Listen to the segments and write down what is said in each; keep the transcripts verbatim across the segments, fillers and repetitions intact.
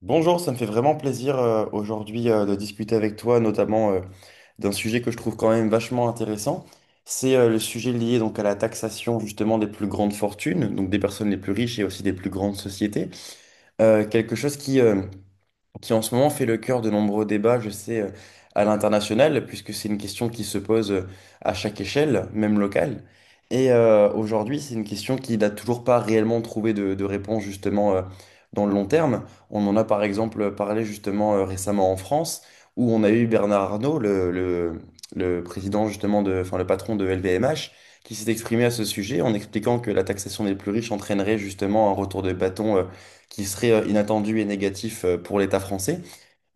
Bonjour, ça me fait vraiment plaisir euh, aujourd'hui, euh, de discuter avec toi, notamment euh, d'un sujet que je trouve quand même vachement intéressant. C'est euh, le sujet lié donc à la taxation justement des plus grandes fortunes, donc des personnes les plus riches et aussi des plus grandes sociétés. Euh, quelque chose qui, euh, qui en ce moment fait le cœur de nombreux débats, je sais, euh, à l'international, puisque c'est une question qui se pose euh, à chaque échelle, même locale. Et euh, aujourd'hui, c'est une question qui n'a toujours pas réellement trouvé de, de réponse justement euh, dans le long terme. On en a par exemple parlé justement euh, récemment en France, où on a eu Bernard Arnault, le, le- le président justement de, enfin le patron de L V M H, qui s'est exprimé à ce sujet en expliquant que la taxation des plus riches entraînerait justement un retour de bâton euh, qui serait euh, inattendu et négatif euh, pour l'État français.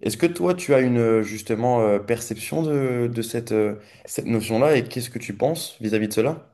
Est-ce que toi, tu as une euh, justement euh, perception de, de cette, euh, cette notion-là et qu'est-ce que tu penses vis-à-vis de cela?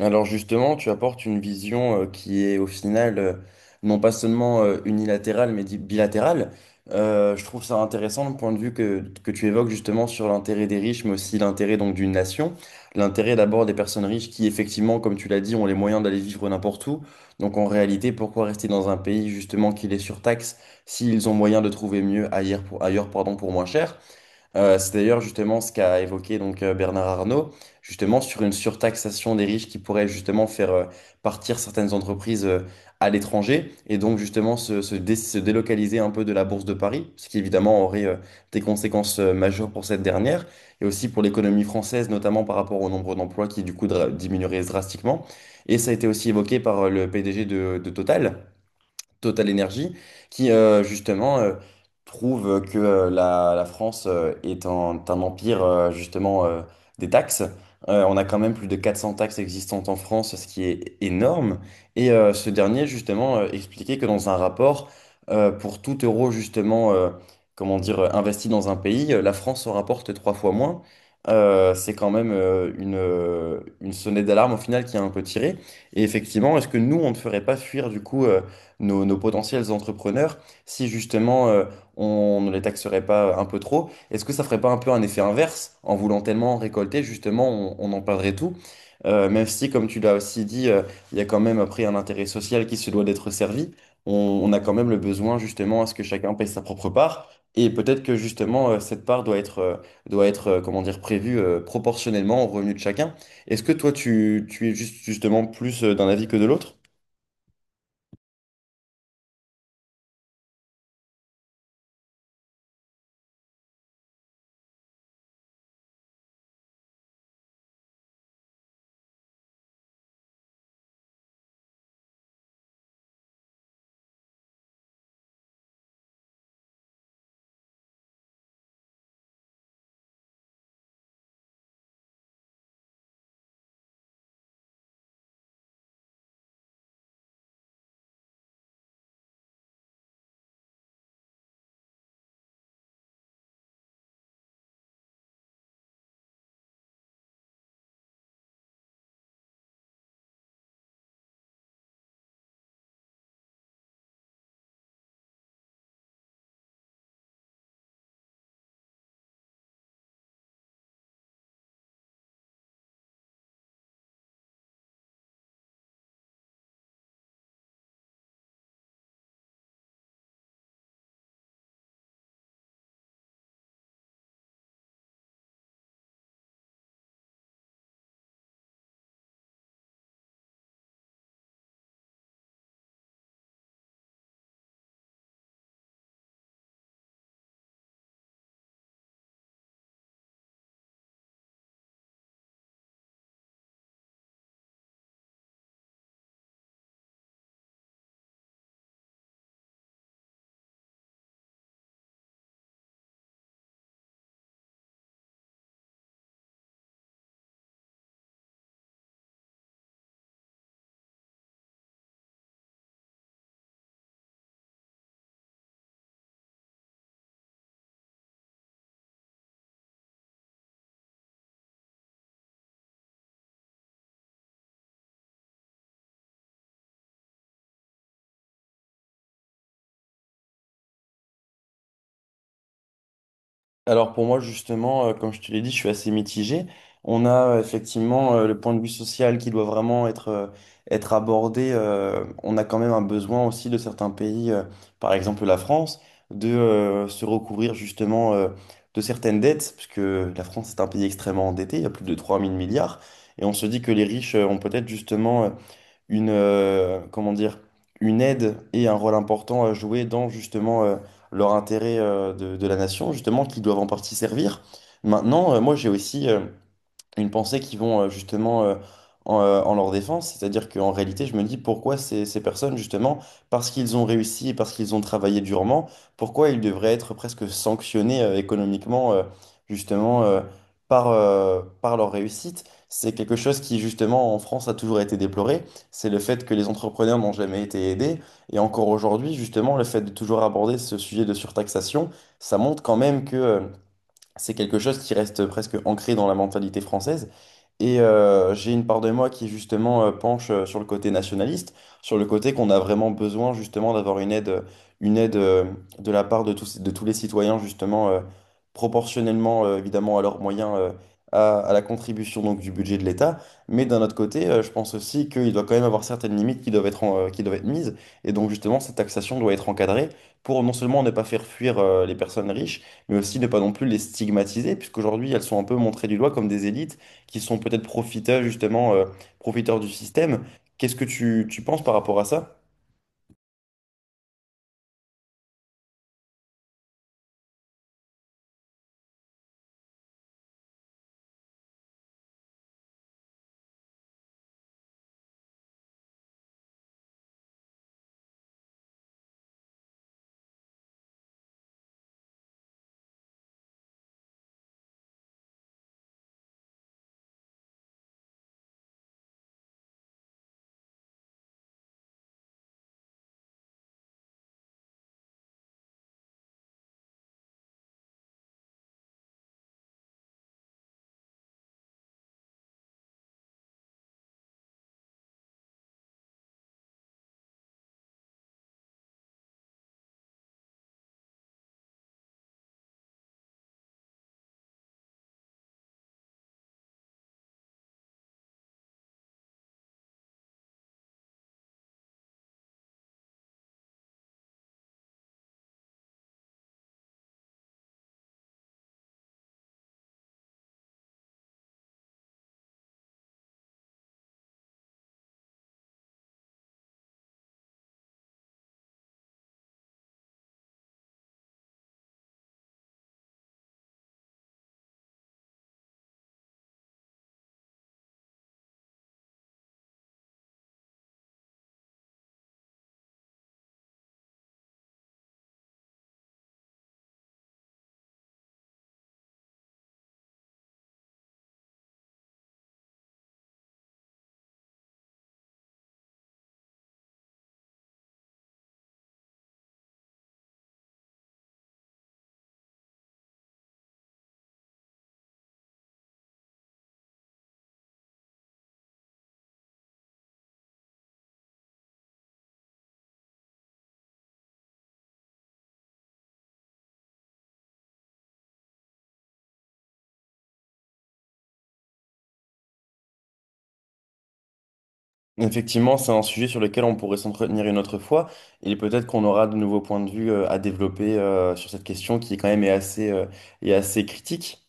Alors justement, tu apportes une vision euh, qui est au final euh, non pas seulement euh, unilatérale mais di- bilatérale. Euh, je trouve ça intéressant le point de vue que, que tu évoques justement sur l'intérêt des riches mais aussi l'intérêt donc d'une nation. L'intérêt d'abord des personnes riches qui effectivement, comme tu l'as dit, ont les moyens d'aller vivre n'importe où. Donc en réalité, pourquoi rester dans un pays justement qui les surtaxe s'ils ont moyen de trouver mieux ailleurs pour, ailleurs, pardon, pour moins cher? Euh, c'est d'ailleurs justement ce qu'a évoqué donc euh, Bernard Arnault, justement sur une surtaxation des riches qui pourrait justement faire euh, partir certaines entreprises euh, à l'étranger et donc justement se, se dé- se délocaliser un peu de la Bourse de Paris, ce qui évidemment aurait euh, des conséquences euh, majeures pour cette dernière et aussi pour l'économie française, notamment par rapport au nombre d'emplois qui du coup dra- diminuerait drastiquement. Et ça a été aussi évoqué par euh, le P D G de, de Total Total Energy, qui euh, justement euh, trouve que euh, la, la France euh, est un, un empire euh, justement euh, des taxes. Euh, on a quand même plus de quatre cents taxes existantes en France, ce qui est énorme. Et euh, ce dernier justement euh, expliquait que dans un rapport, euh, pour tout euro justement, euh, comment dire, euh, investi dans un pays, euh, la France en rapporte trois fois moins. Euh, c'est quand même euh, une, euh, une sonnette d'alarme au final qui a un peu tiré. Et effectivement, est-ce que nous, on ne ferait pas fuir du coup... euh, nos, nos potentiels entrepreneurs si justement euh, on ne les taxerait pas un peu trop? Est-ce que ça ferait pas un peu un effet inverse? En voulant tellement en récolter, justement, on, on en perdrait tout. Euh, même si, comme tu l'as aussi dit, euh, il y a quand même après un intérêt social qui se doit d'être servi. On, on a quand même le besoin justement à ce que chacun paye sa propre part. Et peut-être que justement, euh, cette part doit être, euh, doit être euh, comment dire, prévue euh, proportionnellement au revenu de chacun. Est-ce que toi, tu, tu es juste, justement plus euh, d'un avis que de l'autre? Alors pour moi justement, euh, comme je te l'ai dit, je suis assez mitigé. On a euh, effectivement euh, le point de vue social qui doit vraiment être, euh, être abordé. Euh, on a quand même un besoin aussi de certains pays, euh, par exemple la France, de euh, se recouvrir justement euh, de certaines dettes, puisque la France est un pays extrêmement endetté, il y a plus de trois mille milliards, et on se dit que les riches euh, ont peut-être justement euh, une, euh, comment dire, une aide et un rôle important à jouer dans justement euh, leur intérêt euh, de, de la nation, justement, qu'ils doivent en partie servir. Maintenant, euh, moi j'ai aussi euh, une pensée qui vont euh, justement euh, en, euh, en leur défense. C'est-à-dire qu'en réalité, je me dis pourquoi ces, ces personnes, justement, parce qu'ils ont réussi et parce qu'ils ont travaillé durement, pourquoi ils devraient être presque sanctionnés euh, économiquement, euh, justement, euh, par, euh, par leur réussite. C'est quelque chose qui, justement, en France a toujours été déploré. C'est le fait que les entrepreneurs n'ont jamais été aidés. Et encore aujourd'hui, justement, le fait de toujours aborder ce sujet de surtaxation, ça montre quand même que euh, c'est quelque chose qui reste presque ancré dans la mentalité française. Et euh, j'ai une part de moi qui justement euh, penche euh, sur le côté nationaliste, sur le côté qu'on a vraiment besoin justement d'avoir une aide, euh, une aide euh, de la part de tous, de tous les citoyens justement euh, proportionnellement euh, évidemment à leurs moyens, euh, à, à la contribution donc du budget de l'État. Mais d'un autre côté, euh, je pense aussi qu'il doit quand même avoir certaines limites qui doivent être, en- euh, qui doivent être mises. Et donc justement, cette taxation doit être encadrée pour non seulement ne pas faire fuir euh, les personnes riches, mais aussi ne pas non plus les stigmatiser, puisqu'aujourd'hui elles sont un peu montrées du doigt comme des élites qui sont peut-être profiteurs justement, euh, profiteurs du système. Qu'est-ce que tu, tu penses par rapport à ça? Effectivement, c'est un sujet sur lequel on pourrait s'entretenir une autre fois et peut-être qu'on aura de nouveaux points de vue euh, à développer euh, sur cette question qui quand même est assez, euh, est assez critique.